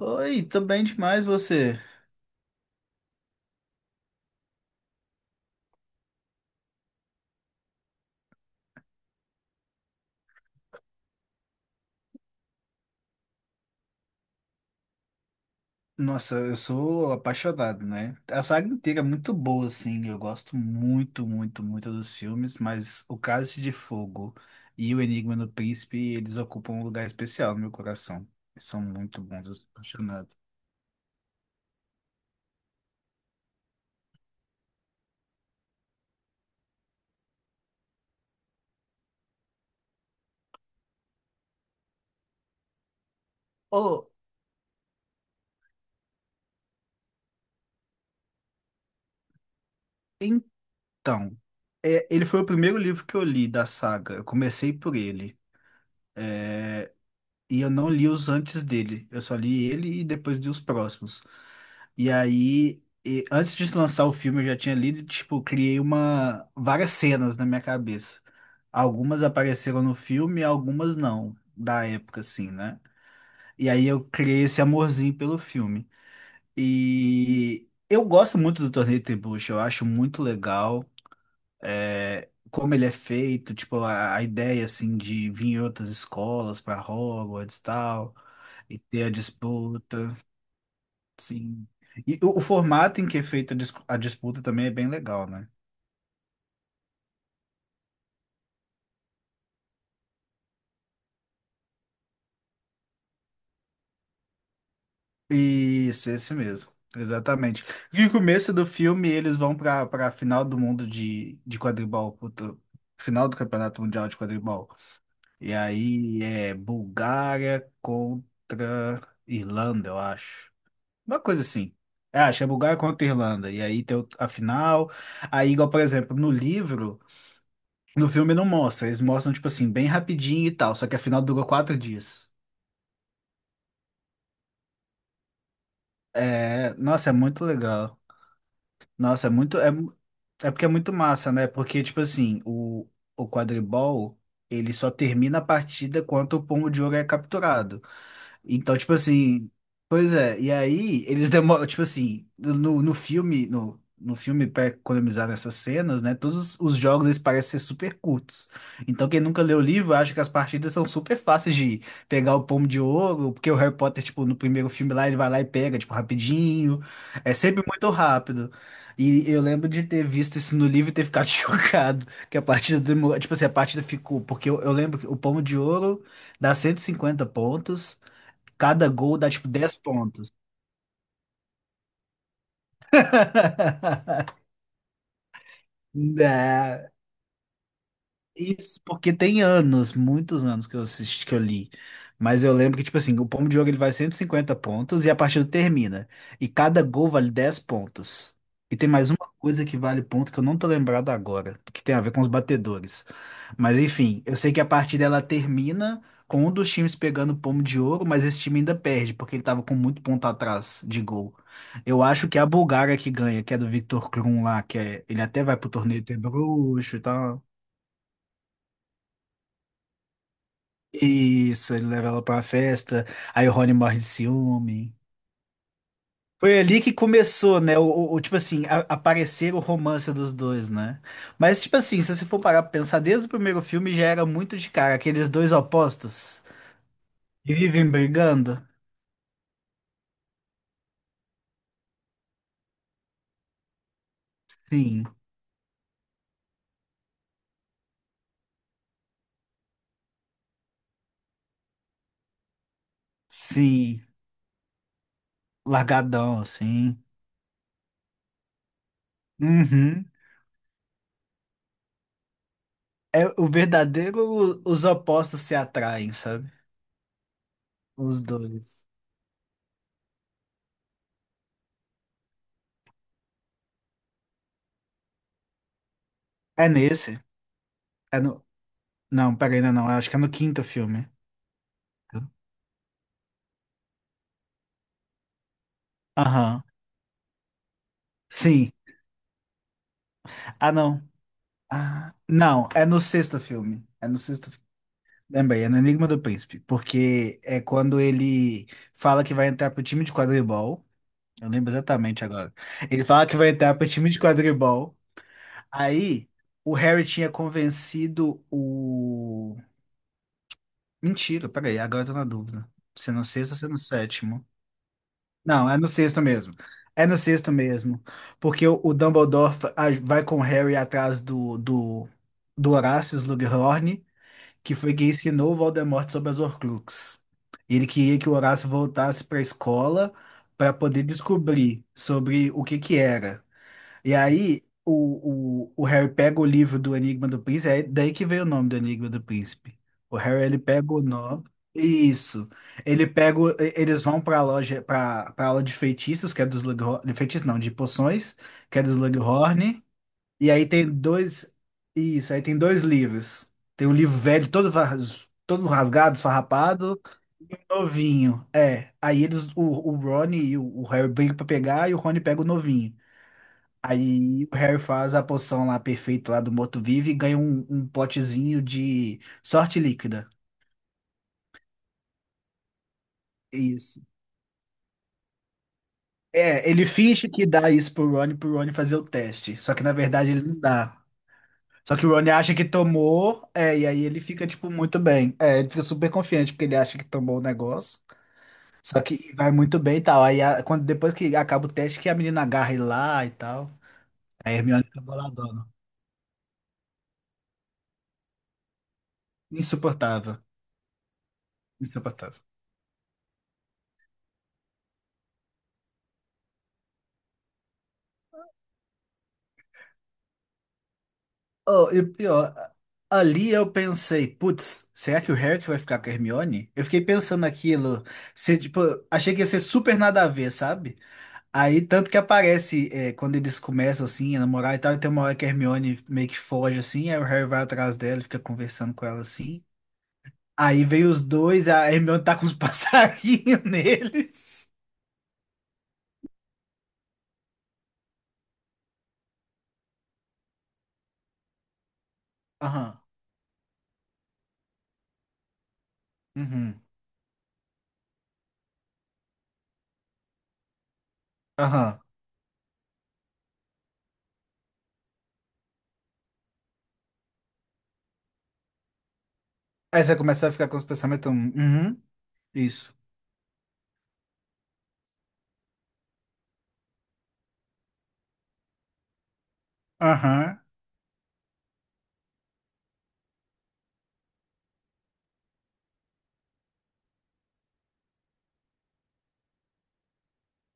Oi, tô bem demais você. Nossa, eu sou apaixonado, né? A saga inteira é muito boa, assim. Eu gosto muito, muito, muito dos filmes, mas O Cálice de Fogo e O Enigma do Príncipe, eles ocupam um lugar especial no meu coração. Eles são muito bons, eu sou apaixonado. Oh, então, é, ele foi o primeiro livro que eu li da saga. Eu comecei por ele. E eu não li os antes dele. Eu só li ele e depois li os próximos. E aí, antes de lançar o filme, eu já tinha lido, e, tipo, criei uma várias cenas na minha cabeça. Algumas apareceram no filme, algumas não, da época, assim, né? E aí eu criei esse amorzinho pelo filme. E eu gosto muito do Torneio Trebuchet, eu acho muito legal. É, como ele é feito, tipo, a ideia, assim, de vir em outras escolas para Hogwarts e tal. E ter a disputa, sim. E o formato em que é feita a a disputa também é bem legal, né? Isso, esse mesmo. Exatamente. E no começo do filme eles vão para a final do mundo de quadribol, puta, final do Campeonato Mundial de Quadribol. E aí é Bulgária contra Irlanda, eu acho. Uma coisa assim. É, acho que é Bulgária contra Irlanda. E aí tem a final. Aí, igual, por exemplo, no livro. No filme não mostra, eles mostram, tipo assim, bem rapidinho e tal, só que afinal dura 4 dias. É, nossa, é muito legal. Nossa, é muito, é porque é muito massa, né? Porque, tipo assim, o, quadribol, ele só termina a partida quando o pomo de ouro é capturado. Então, tipo assim, pois é, e aí eles demoram, tipo assim, no, no, filme, no filme para economizar nessas cenas, né? Todos os jogos eles parecem ser super curtos. Então, quem nunca leu o livro acha que as partidas são super fáceis de pegar o pomo de ouro, porque o Harry Potter, tipo, no primeiro filme lá, ele vai lá e pega, tipo, rapidinho. É sempre muito rápido. E eu lembro de ter visto isso no livro e ter ficado chocado, que a partida demorou, tipo assim, a partida ficou, porque eu lembro que o pomo de ouro dá 150 pontos. Cada gol dá tipo 10 pontos. Né? Isso, porque tem anos, muitos anos que eu assisti, que eu li. Mas eu lembro que, tipo assim, o pomo de ouro ele vale 150 pontos e a partida termina. E cada gol vale 10 pontos. E tem mais uma coisa que vale ponto que eu não tô lembrado agora, que tem a ver com os batedores. Mas enfim, eu sei que a partida ela termina com um dos times pegando o pomo de ouro, mas esse time ainda perde, porque ele tava com muito ponto atrás de gol. Eu acho que é a Bulgária que ganha, que é do Victor Krum lá, que é, ele até vai pro torneio ter bruxo e tal. Isso, ele leva ela pra uma festa, aí o Rony morre de ciúme. Foi ali que começou, né? O, tipo assim, aparecer o romance dos dois, né? Mas, tipo assim, se você for parar pra pensar, desde o primeiro filme já era muito de cara, aqueles dois opostos que vivem brigando. Sim, sim, largadão, assim. Uhum. É o verdadeiro, os opostos se atraem, sabe? Os dois. É nesse. É no... Não, pera, ainda não, eu acho que é no quinto filme. Aham. Sim. Ah, não. Ah, não, é no sexto filme. É no sexto filme. Lembrei, é no Enigma do Príncipe. Porque é quando ele fala que vai entrar pro time de quadribol. Eu lembro exatamente agora. Ele fala que vai entrar pro time de quadribol. Aí, o Harry tinha convencido o. Mentira, peraí, agora eu tô na dúvida. Se é no sexto ou se é no sétimo. Não, é no sexto mesmo. É no sexto mesmo. Porque o Dumbledore vai com o Harry atrás do, Horácio Slughorn, que foi quem ensinou o Voldemort sobre as Horcruxes. Ele queria que o Horácio voltasse para a escola para poder descobrir sobre o que que era. E aí o Harry pega o livro do Enigma do Príncipe, é daí que veio o nome do Enigma do Príncipe. O Harry ele pega o nome. Isso. Ele pega, eles vão para a loja, para a aula de feitiços, que é dos Slughorn, de feitiços não, de poções, que é dos Slughorn. E aí tem dois, isso, aí tem dois livros. Tem um livro velho, todo, todo rasgado, esfarrapado, novinho. É. Aí eles, o, Rony e o Harry brigam pra pegar e o Rony pega o novinho. Aí o Harry faz a poção lá perfeita lá do morto-vivo e ganha um potezinho de sorte líquida. Isso. É, ele finge que dá isso pro Rony fazer o teste. Só que na verdade ele não dá. Só que o Rony acha que tomou, é, e aí ele fica, tipo, muito bem. É, ele fica super confiante porque ele acha que tomou o negócio. Só que vai muito bem e tal. Aí quando, depois que acaba o teste, que a menina agarra ele lá e tal. Aí a Hermione fica boladona. Insuportável. Insuportável. Oh, e o pior, ali eu pensei, putz, será que o Harry que vai ficar com a Hermione? Eu fiquei pensando naquilo, se, tipo, achei que ia ser super nada a ver, sabe? Aí, tanto que aparece, é, quando eles começam, assim, a namorar e tal, e tem uma hora que a Hermione meio que foge, assim, aí o Harry vai atrás dela e fica conversando com ela, assim. Aí vem os dois, a Hermione tá com os passarinhos neles. Aham, uhum, aham. Aí você começa a ficar com os pensamentos, uhum, isso. Aham,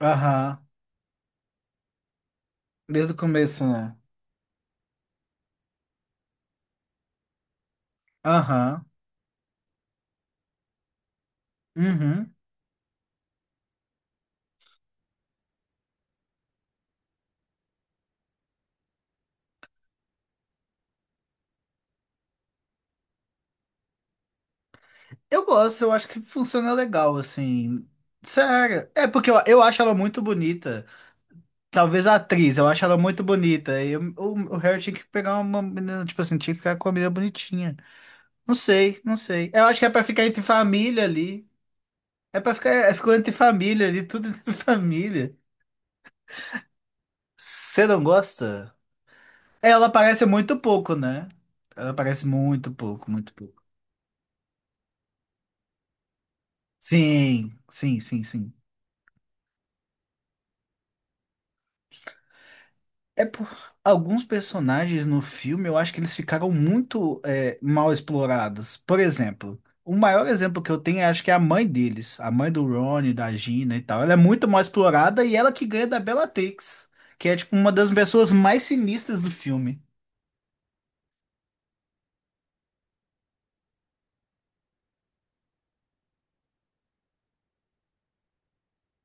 aham. Desde o começo, né? Aham. Uhum. Eu gosto, eu acho que funciona legal, assim. Sério. É porque eu, acho ela muito bonita. Talvez a atriz, eu acho ela muito bonita. E eu- o Harry tinha que pegar uma menina, tipo assim, tinha que ficar com uma menina bonitinha. Não sei, não sei. Eu acho que é pra ficar entre família ali. É pra ficar, é, ficou entre família ali, tudo entre família. Você não gosta? É, ela aparece muito pouco, né? Ela aparece muito pouco, muito pouco. Sim, sim, sim, sim. É por alguns personagens no filme, eu acho que eles ficaram muito mal explorados. Por exemplo, o maior exemplo que eu tenho, eu acho que é a mãe deles, a mãe do Ron, da Gina e tal. Ela é muito mal explorada e ela que ganha da Bellatrix, que é tipo uma das pessoas mais sinistras do filme.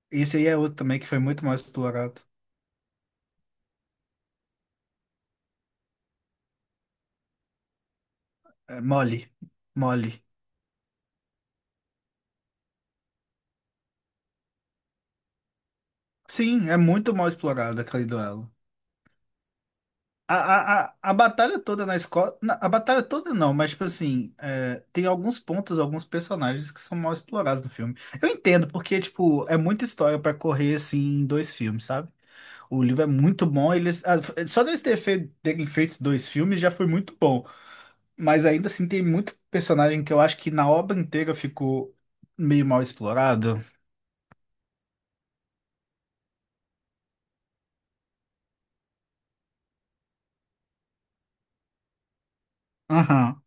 Esse aí é outro também que foi muito mal explorado. É Molly. Molly. Sim, é muito mal explorado aquele duelo. A batalha toda na escola. A batalha toda não, mas, tipo assim, é, tem alguns pontos, alguns personagens que são mal explorados no filme. Eu entendo, porque, tipo, é muita história pra correr, assim, em dois filmes, sabe? O livro é muito bom, eles, só deles ter terem feito dois filmes já foi muito bom. Mas ainda assim, tem muito personagem que eu acho que na obra inteira ficou meio mal explorado. Aham.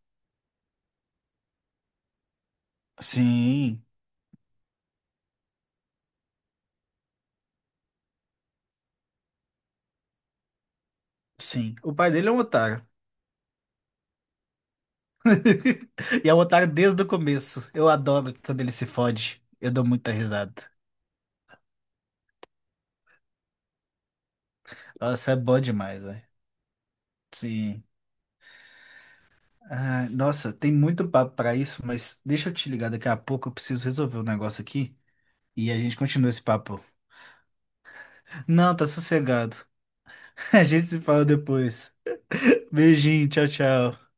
Sim, sim. O pai dele é um otário. E é o otário desde o começo. Eu adoro quando ele se fode. Eu dou muita risada. Nossa, é bom demais, velho. Sim. Ah, nossa, tem muito papo pra isso, mas deixa eu te ligar daqui a pouco. Eu preciso resolver um negócio aqui e a gente continua esse papo. Não, tá sossegado. A gente se fala depois. Beijinho, tchau, tchau.